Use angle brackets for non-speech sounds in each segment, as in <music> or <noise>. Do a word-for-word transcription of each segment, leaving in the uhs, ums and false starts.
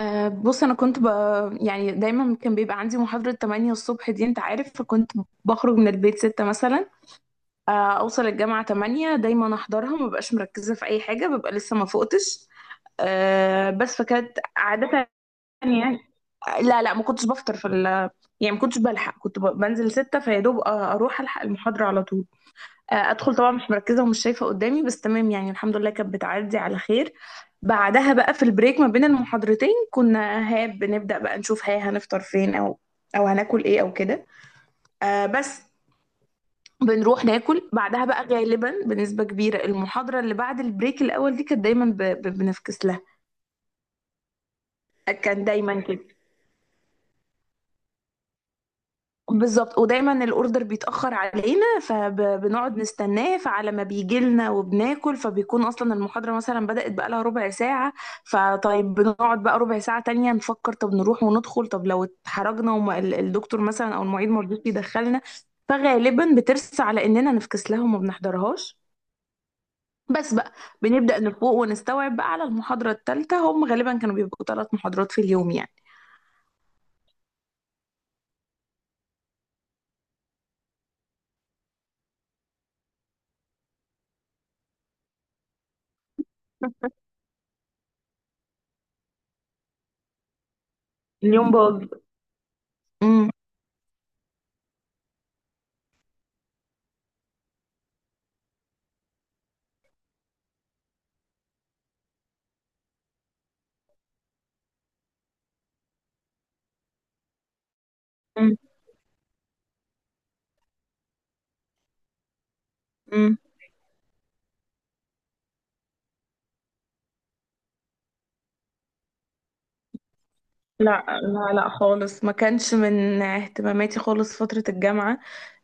أه بص، انا كنت ب... يعني دايما كان بيبقى عندي محاضرة ثمانية الصبح، دي انت عارف، فكنت بخرج من البيت ستة مثلا. أه اوصل الجامعة ثمانية، دايما احضرها، ما ببقاش مركزة في اي حاجة، ببقى لسه ما فقتش. أه بس فكانت عادة، يعني. آه، لا، لا، ما كنتش بفطر في ال... يعني ما كنتش بلحق، كنت ب... بنزل ستة فيا دوب، أ- اروح الحق المحاضرة على طول. آه، ادخل طبعا مش مركزه ومش شايفه قدامي، بس تمام، يعني الحمد لله كانت بتعدي على خير. بعدها بقى في البريك ما بين المحاضرتين، كنا ها بنبدا بقى نشوف ها هنفطر فين او او هناكل ايه او كده. آه بس بنروح ناكل بعدها بقى، غالبا بنسبه كبيره المحاضره اللي بعد البريك الاول دي كانت دايما ب- ب- بنفكس لها. كان دايما كده، بالظبط. ودايما الاوردر بيتاخر علينا، فبنقعد نستناه، فعلى ما بيجي لنا وبناكل، فبيكون اصلا المحاضره مثلا بدات بقالها ربع ساعه. فطيب بنقعد بقى ربع ساعه تانية نفكر، طب نروح وندخل، طب لو اتحرجنا وما ال- الدكتور مثلا او المعيد ما رضيش يدخلنا، فغالبا بترسى على اننا نفكس لها وما بنحضرهاش. بس بقى، بنبدا نفوق ونستوعب بقى على المحاضره الثالثه، هم غالبا كانوا بيبقوا ثلاث محاضرات في اليوم، يعني. <laughs> اليوم باظ. امم لا، لا، لا، خالص، ما كانش من اهتماماتي خالص فترة الجامعة.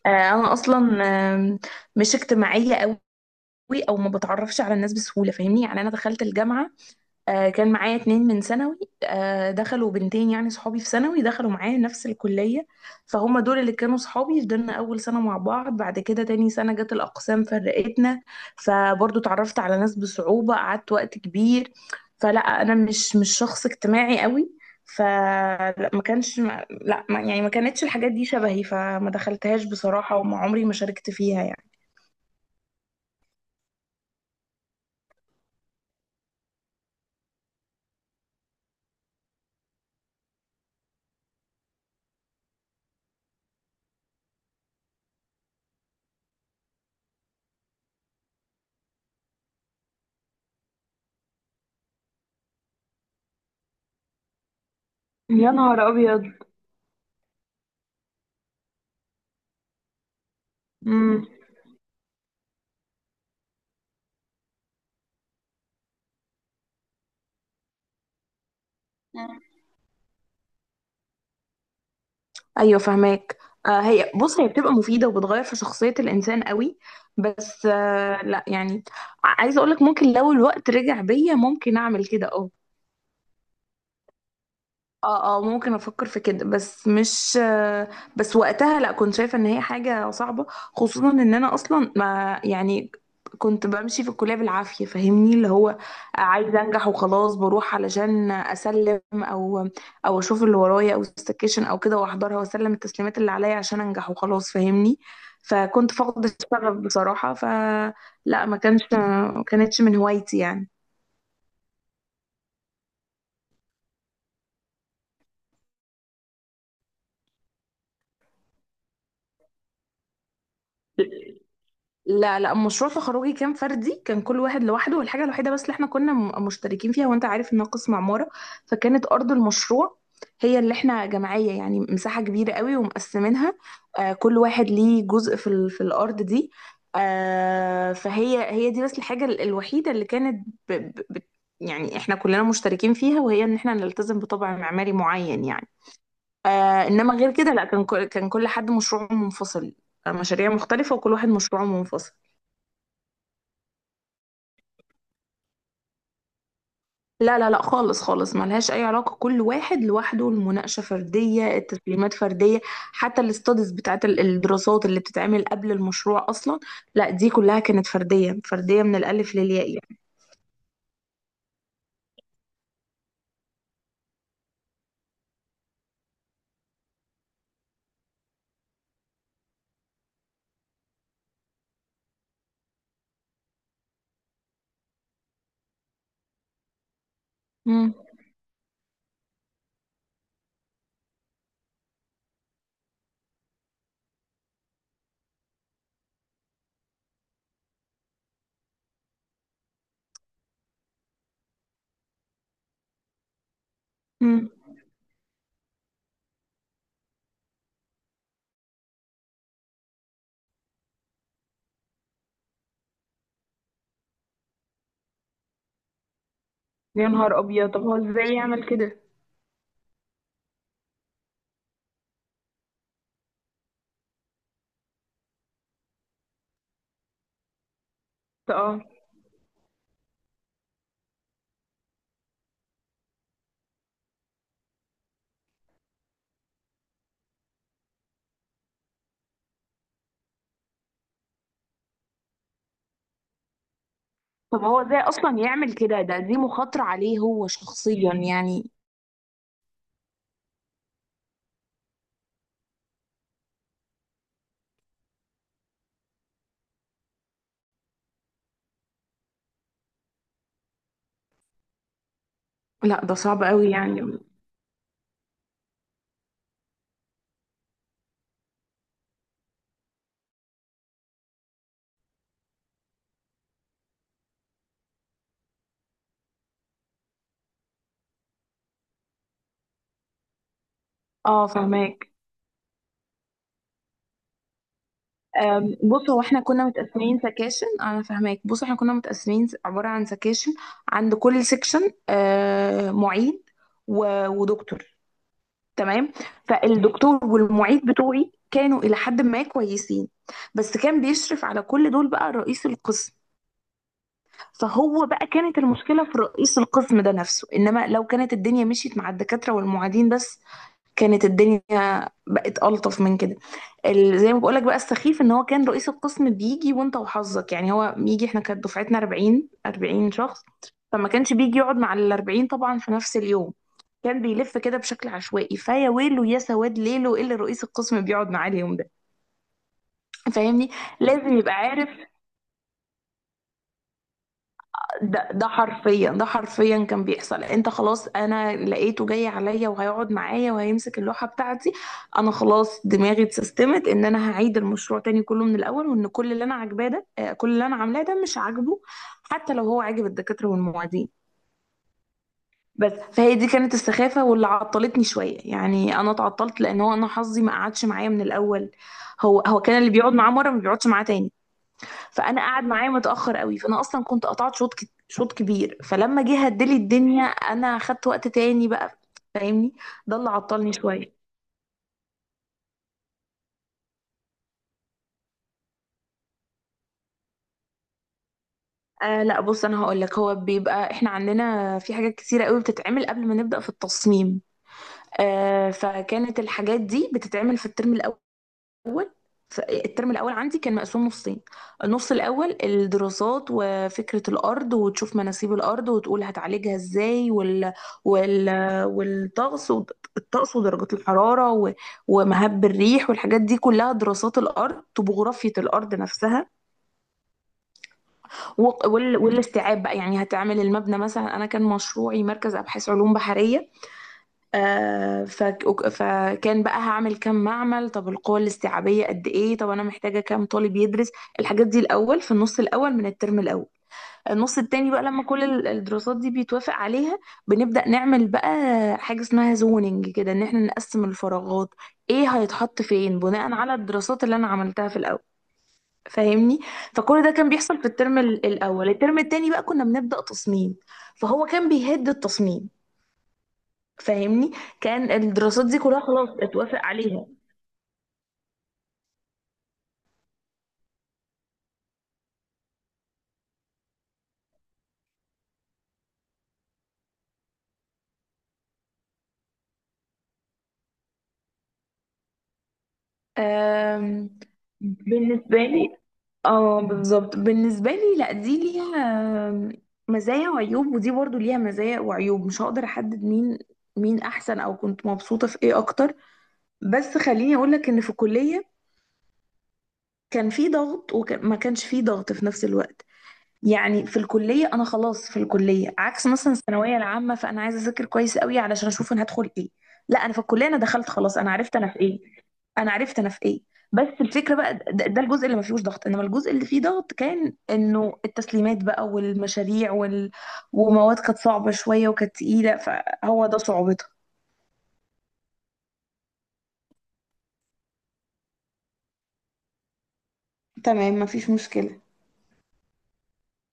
آه، انا اصلا آم، مش اجتماعية قوي، او ما بتعرفش على الناس بسهولة، فاهمني. يعني انا دخلت الجامعة، آه، كان معايا اتنين من ثانوي، آه، دخلوا بنتين، يعني صحابي في ثانوي دخلوا معايا نفس الكلية، فهم دول اللي كانوا صحابي. فضلنا أول سنة مع بعض، بعد كده تاني سنة جت الأقسام فرقتنا، فبرضو اتعرفت على ناس بصعوبة، قعدت وقت كبير. فلا، أنا مش مش شخص اجتماعي قوي. فلا ما كانش ما- لا ما، يعني ما كانتش الحاجات دي شبهي، فما دخلتهاش بصراحة، وما عمري ما شاركت فيها، يعني. يا نهار ابيض. امم، ايوه فهماك. آه هي، بص هي بتبقى مفيده وبتغير في شخصيه الانسان قوي، بس آه لا يعني عايزه اقول لك ممكن لو الوقت رجع بيا ممكن اعمل كده، اه. اه، اه، ممكن افكر في كده، بس مش آه، بس وقتها لا، كنت شايفه ان هي حاجه صعبه، خصوصا ان انا اصلا، ما يعني، كنت بمشي في الكليه بالعافيه، فاهمني، اللي هو عايزه انجح وخلاص، بروح علشان اسلم او او اشوف اللي ورايا او السكشن او كده، واحضرها واسلم التسليمات اللي عليا عشان انجح وخلاص، فاهمني. فكنت فاقده الشغف بصراحه، فلا ما كانش، ما كانتش من هوايتي، يعني. لا، لا مشروع تخرجي كان فردي، كان كل واحد لوحده. والحاجة الوحيدة بس اللي احنا كنا م- مشتركين فيها، وانت عارف انها قسم عمارة، فكانت أرض المشروع هي اللي احنا جمعية، يعني مساحة كبيرة قوي ومقسمينها، آه كل واحد ليه جزء في, ال... في الأرض دي. آه فهي، هي دي بس الحاجة ال- الوحيدة اللي كانت ب... ب... ب... يعني احنا كلنا مشتركين فيها، وهي ان احنا نلتزم بطبع معماري معين، يعني. آه انما غير كده، لا كان كل... كان كل حد مشروعه منفصل، آه، مشاريع مختلفة، وكل واحد مشروعه منفصل. لا، لا، لا، خالص، خالص، ملهاش اي علاقه. كل واحد لوحده، المناقشه فرديه، التسليمات فرديه. حتى الاستاديز بتاعت ال- الدراسات اللي بتتعمل قبل المشروع اصلا، لا دي كلها كانت فرديه، فرديه من الالف للياء، يعني. مم. مم. يا نهار ابيض، طب هو ازاي يعمل كده؟ اه، طب هو ازاي اصلا يعمل كده؟ ده دي مخاطره عليه هو شخصيا، يعني. لا ده صعب قوي، يعني. اه فهماك. أم، بص، هو احنا كنا متقسمين سكاشن، انا فاهماك، بص احنا كنا متقسمين س- عبارة عن سكاشن، عند كل سكشن آه، معيد و- ودكتور، تمام. فالدكتور والمعيد بتوعي كانوا الى حد ما كويسين، بس كان بيشرف على كل دول بقى رئيس القسم. فهو بقى، كانت المشكلة في رئيس القسم ده نفسه. انما لو كانت الدنيا مشيت مع الدكاترة والمعيدين بس، كانت الدنيا بقت ألطف من كده. ال- زي ما بقولك بقى، السخيف ان هو كان رئيس القسم بيجي وانت وحظك. يعني هو بيجي، احنا كانت دفعتنا أربعين أربعين شخص، فما كانش بيجي يقعد مع ال الأربعين طبعا في نفس اليوم، كان بيلف كده بشكل عشوائي، فيا ويله يا سواد ليله اللي رئيس القسم بيقعد معاه اليوم ده، فاهمني، لازم يبقى عارف. ده ده حرفيا، ده حرفيا كان بيحصل. انت خلاص، انا لقيته جاي عليا وهيقعد معايا وهيمسك اللوحة بتاعتي، انا خلاص دماغي اتسيستمت ان انا هعيد المشروع تاني كله من الاول، وان كل اللي انا عاجباه ده، آه، كل اللي انا عاملاه ده مش عاجبه، حتى لو هو عاجب الدكاترة والمعيدين. بس، فهي دي كانت السخافة واللي عطلتني شوية، يعني انا اتعطلت لان هو انا حظي ما قعدش معايا من الاول. هو هو كان اللي بيقعد معاه مرة ما بيقعدش معاه تاني، فانا قاعد معايا متاخر قوي، فانا اصلا كنت قطعت شوط ك- شوط كبير، فلما جه هدلي الدنيا انا خدت وقت تاني بقى، فاهمني، ده اللي عطلني شويه. آه لا بص انا هقول لك، هو بيبقى احنا عندنا في حاجات كتيره قوي بتتعمل قبل ما نبدا في التصميم، آه فكانت الحاجات دي بتتعمل في الترم الاول، الاول ف- الترم الاول عندي كان مقسوم نصين. النص الاول الدراسات، وفكره الارض، وتشوف مناسيب الارض وتقول هتعالجها ازاي، وال وال والطقس ود- الطقس ودرجات الحراره، و- ومهب الريح والحاجات دي كلها، دراسات الارض، طبوغرافيه الارض نفسها و- وال- والاستيعاب بقى. يعني هتعمل المبنى مثلا، انا كان مشروعي مركز ابحاث علوم بحريه. آه، فك- وك- فكان بقى هعمل كام معمل، طب القوة الاستيعابية قد ايه، طب انا محتاجة كام طالب يدرس، الحاجات دي الاول في النص الاول من الترم الاول. النص التاني بقى، لما كل ال- الدراسات دي بيتوافق عليها، بنبدأ نعمل بقى حاجة اسمها زوننج كده، ان احنا نقسم الفراغات، ايه هيتحط فين بناء على الدراسات اللي انا عملتها في الاول، فاهمني. فكل ده كان بيحصل في الترم ال- الاول. الترم التاني بقى كنا بنبدأ تصميم، فهو كان بيهد التصميم، فاهمني. كان الدراسات دي كلها خلاص اتوافق عليها. آم، بالنسبة لي، اه بالظبط، بالنسبة لي، لا دي ليها آم، مزايا وعيوب، ودي برضو ليها مزايا وعيوب، مش هقدر احدد مين، مين احسن، او كنت مبسوطة في ايه اكتر. بس خليني اقولك ان في الكلية كان في ضغط وما كانش في ضغط في نفس الوقت. يعني في الكلية، أنا خلاص في الكلية عكس مثلا الثانوية العامة، فأنا عايزة أذاكر كويس قوي علشان أشوف أنا هدخل إيه. لا أنا في الكلية أنا دخلت خلاص، أنا عرفت أنا في إيه، أنا عرفت أنا في إيه. بس الفكرة بقى، ده, ده الجزء اللي ما فيهوش ضغط، إنما الجزء اللي فيه ضغط كان إنه التسليمات بقى والمشاريع وال... ومواد كانت صعبة شوية وكانت تقيلة، فهو ده صعوبتها. تمام، ما فيش مشكلة.